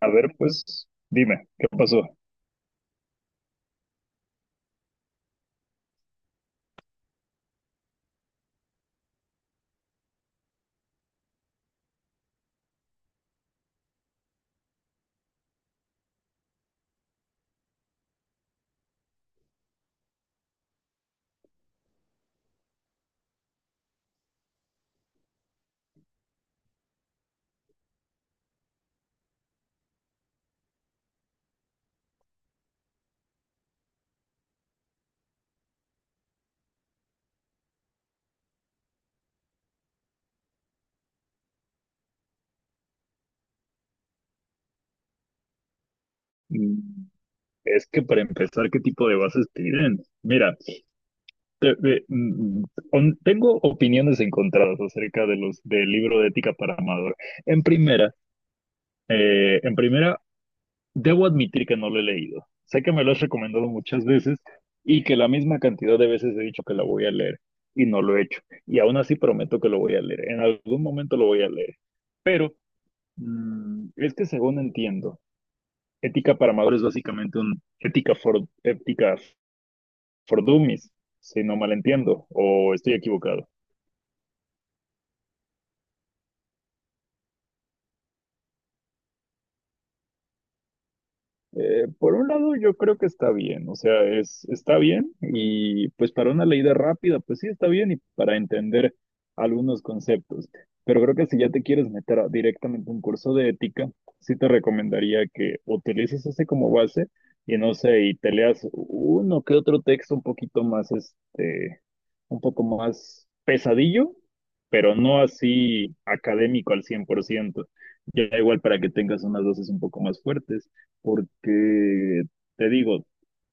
A ver, pues dime, ¿qué pasó? Mm, Es que para empezar, ¿qué tipo de bases piden? Mira, te- te- mm, tengo opiniones encontradas acerca de los del libro de ética para Amador. En primera, en primera, debo admitir que no lo he leído. Sé que me lo has recomendado muchas veces y que la misma cantidad de veces he dicho que la voy a leer y no lo he hecho. Y aún así prometo que lo voy a leer. En algún momento lo voy a leer. Pero es que según entiendo, ética para amadores es básicamente un ética for dummies, si no malentiendo, o estoy equivocado. Por un lado, yo creo que está bien, o sea, está bien y pues para una leída rápida, pues sí está bien y para entender algunos conceptos. Pero creo que si ya te quieres directamente a un curso de ética, sí te recomendaría que utilices ese como base y no sé, y te leas uno que otro texto un poquito más, este, un poco más pesadillo, pero no así académico al 100%. Ya igual para que tengas unas dosis un poco más fuertes porque te digo,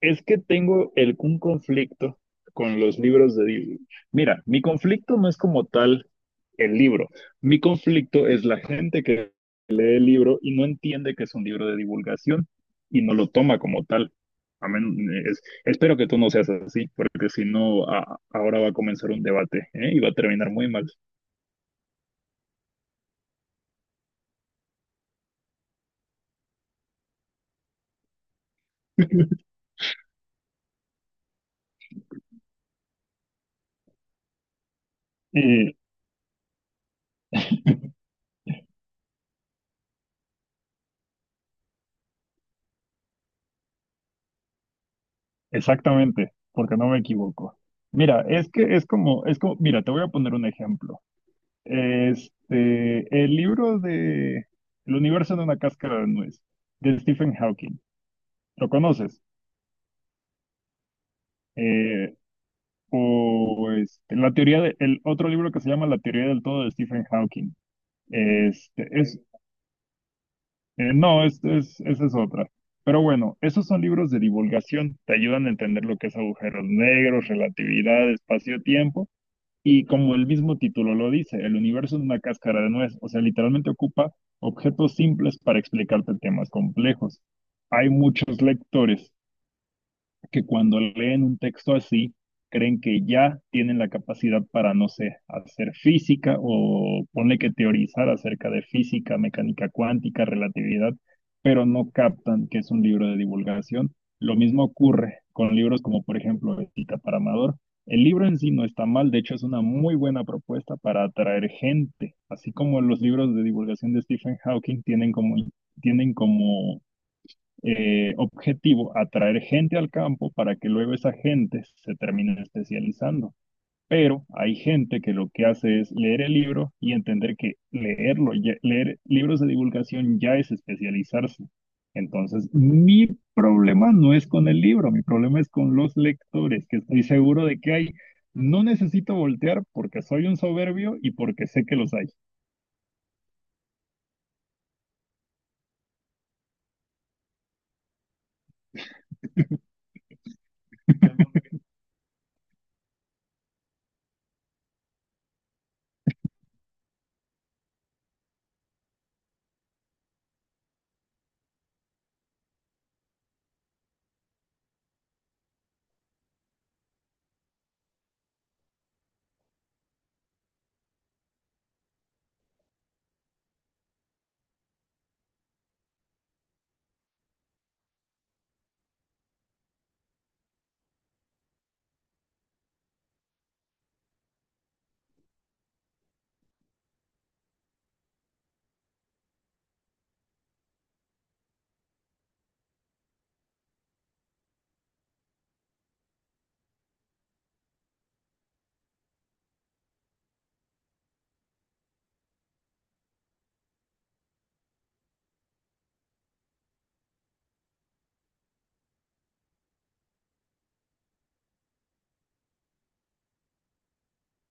es que tengo un conflicto con los libros de Disney. Mira, mi conflicto no es como tal el libro. Mi conflicto es la gente que lee el libro y no entiende que es un libro de divulgación y no lo toma como tal. Espero que tú no seas así, porque si no, ahora va a comenzar un debate, ¿eh? Y va a terminar muy mal. Y exactamente, porque no me equivoco. Mira, es que es como, mira, te voy a poner un ejemplo. Este, el libro de El universo en una cáscara de nuez, de Stephen Hawking. ¿Lo conoces? Eh, o este, el otro libro que se llama La teoría del todo de Stephen Hawking. Este, es, no, es- Esa es otra. Pero bueno, esos son libros de divulgación, te ayudan a entender lo que es agujeros negros, relatividad, espacio-tiempo. Y como el mismo título lo dice, el universo es una cáscara de nuez, o sea, literalmente ocupa objetos simples para explicarte temas complejos. Hay muchos lectores que cuando leen un texto así, creen que ya tienen la capacidad para, no sé, hacer física o ponle que teorizar acerca de física, mecánica cuántica, relatividad, pero no captan que es un libro de divulgación. Lo mismo ocurre con libros como, por ejemplo, Cita para Amador. El libro en sí no está mal, de hecho es una muy buena propuesta para atraer gente, así como los libros de divulgación de Stephen Hawking tienen como objetivo atraer gente al campo para que luego esa gente se termine especializando. Pero hay gente que lo que hace es leer el libro y entender que leerlo, leer libros de divulgación ya es especializarse. Entonces, mi problema no es con el libro, mi problema es con los lectores, que estoy seguro de que hay. No necesito voltear porque soy un soberbio y porque sé que los hay.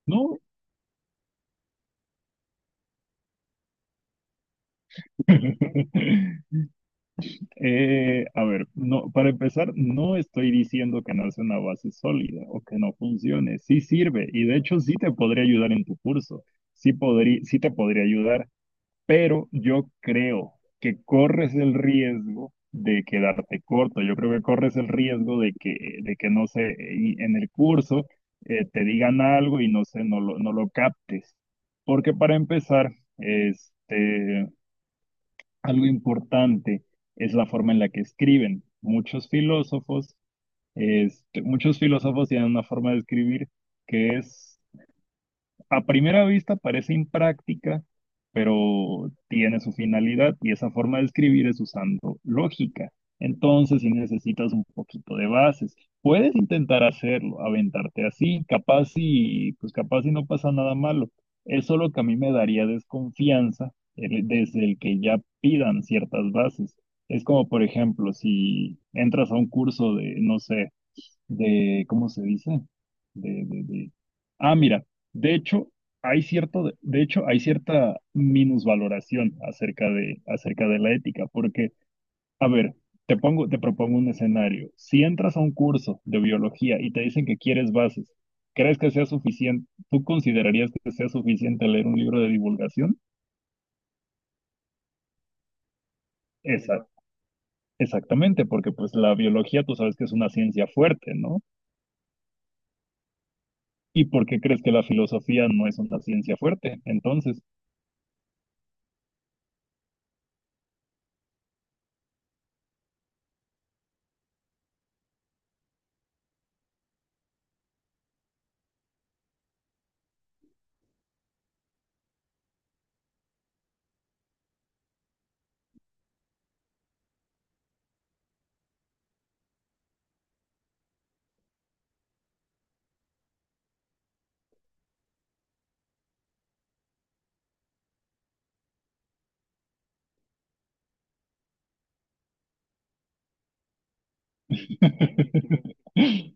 No. A ver, no, para empezar, no estoy diciendo que no es una base sólida o que no funcione. Sí sirve y de hecho sí te podría ayudar en tu curso. Sí podría, sí te podría ayudar, pero yo creo que corres el riesgo de quedarte corto. Yo creo que corres el riesgo de que no sé, y en el curso te digan algo y no sé, no lo captes. Porque para empezar, este, algo importante es la forma en la que escriben. Muchos filósofos, este, muchos filósofos tienen una forma de escribir que es a primera vista parece impráctica, pero tiene su finalidad y esa forma de escribir es usando lógica. Entonces, si necesitas un poquito de bases, puedes intentar hacerlo, aventarte así, capaz y pues capaz y no pasa nada malo. Es solo que a mí me daría desconfianza desde el que ya pidan ciertas bases. Es como, por ejemplo, si entras a un curso de, no sé, de, ¿cómo se dice? De, de, de- Ah, mira, de hecho, hay cierto, de hecho, hay cierta minusvaloración acerca de la ética, porque, a ver, te propongo un escenario. Si entras a un curso de biología y te dicen que quieres bases, ¿crees que sea suficiente? ¿Tú considerarías que sea suficiente leer un libro de divulgación? Esa, exactamente, porque pues la biología tú sabes que es una ciencia fuerte, ¿no? ¿Y por qué crees que la filosofía no es una ciencia fuerte? Entonces,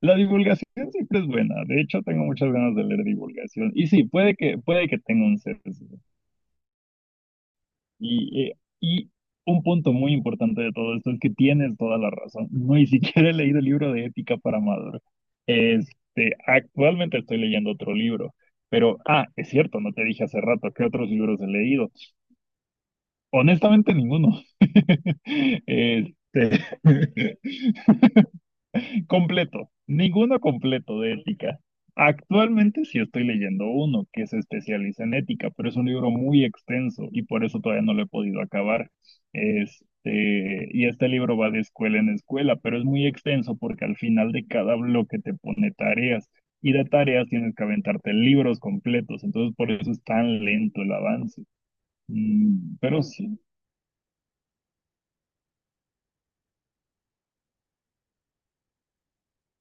la divulgación siempre es buena. De hecho, tengo muchas ganas de leer divulgación. Y sí, puede que tenga un sesgo. Y, eh, y un punto muy importante de todo esto es que tienes toda la razón. No ni siquiera he leído el libro de ética para Amador. Este, actualmente estoy leyendo otro libro. Pero, ah, es cierto, no te dije hace rato qué otros libros he leído. Honestamente, ninguno. Este, completo, ninguno completo de ética. Actualmente sí estoy leyendo uno que se especializa en ética, pero es un libro muy extenso y por eso todavía no lo he podido acabar. Este, y este libro va de escuela en escuela, pero es muy extenso porque al final de cada bloque te pone tareas y de tareas tienes que aventarte libros completos, entonces por eso es tan lento el avance. Mm, pero sí,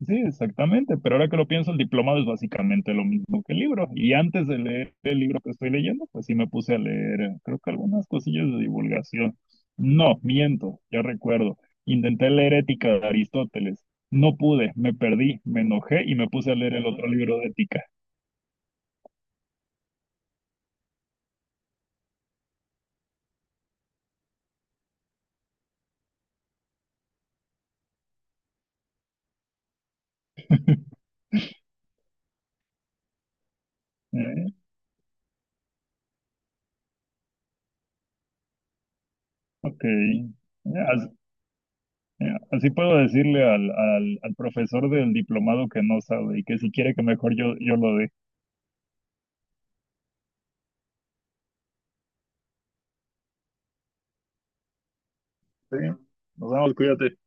sí, exactamente, pero ahora que lo pienso, el diplomado es básicamente lo mismo que el libro. Y antes de leer el libro que estoy leyendo, pues sí me puse a leer, creo que algunas cosillas de divulgación. No, miento, ya recuerdo. Intenté leer Ética de Aristóteles. No pude, me perdí, me enojé y me puse a leer el otro libro de Ética. Eh, ok. As- eh, Así puedo decirle al, al profesor del diplomado que no sabe y que si quiere que mejor yo lo dé. Sí. Nos vemos, cuídate.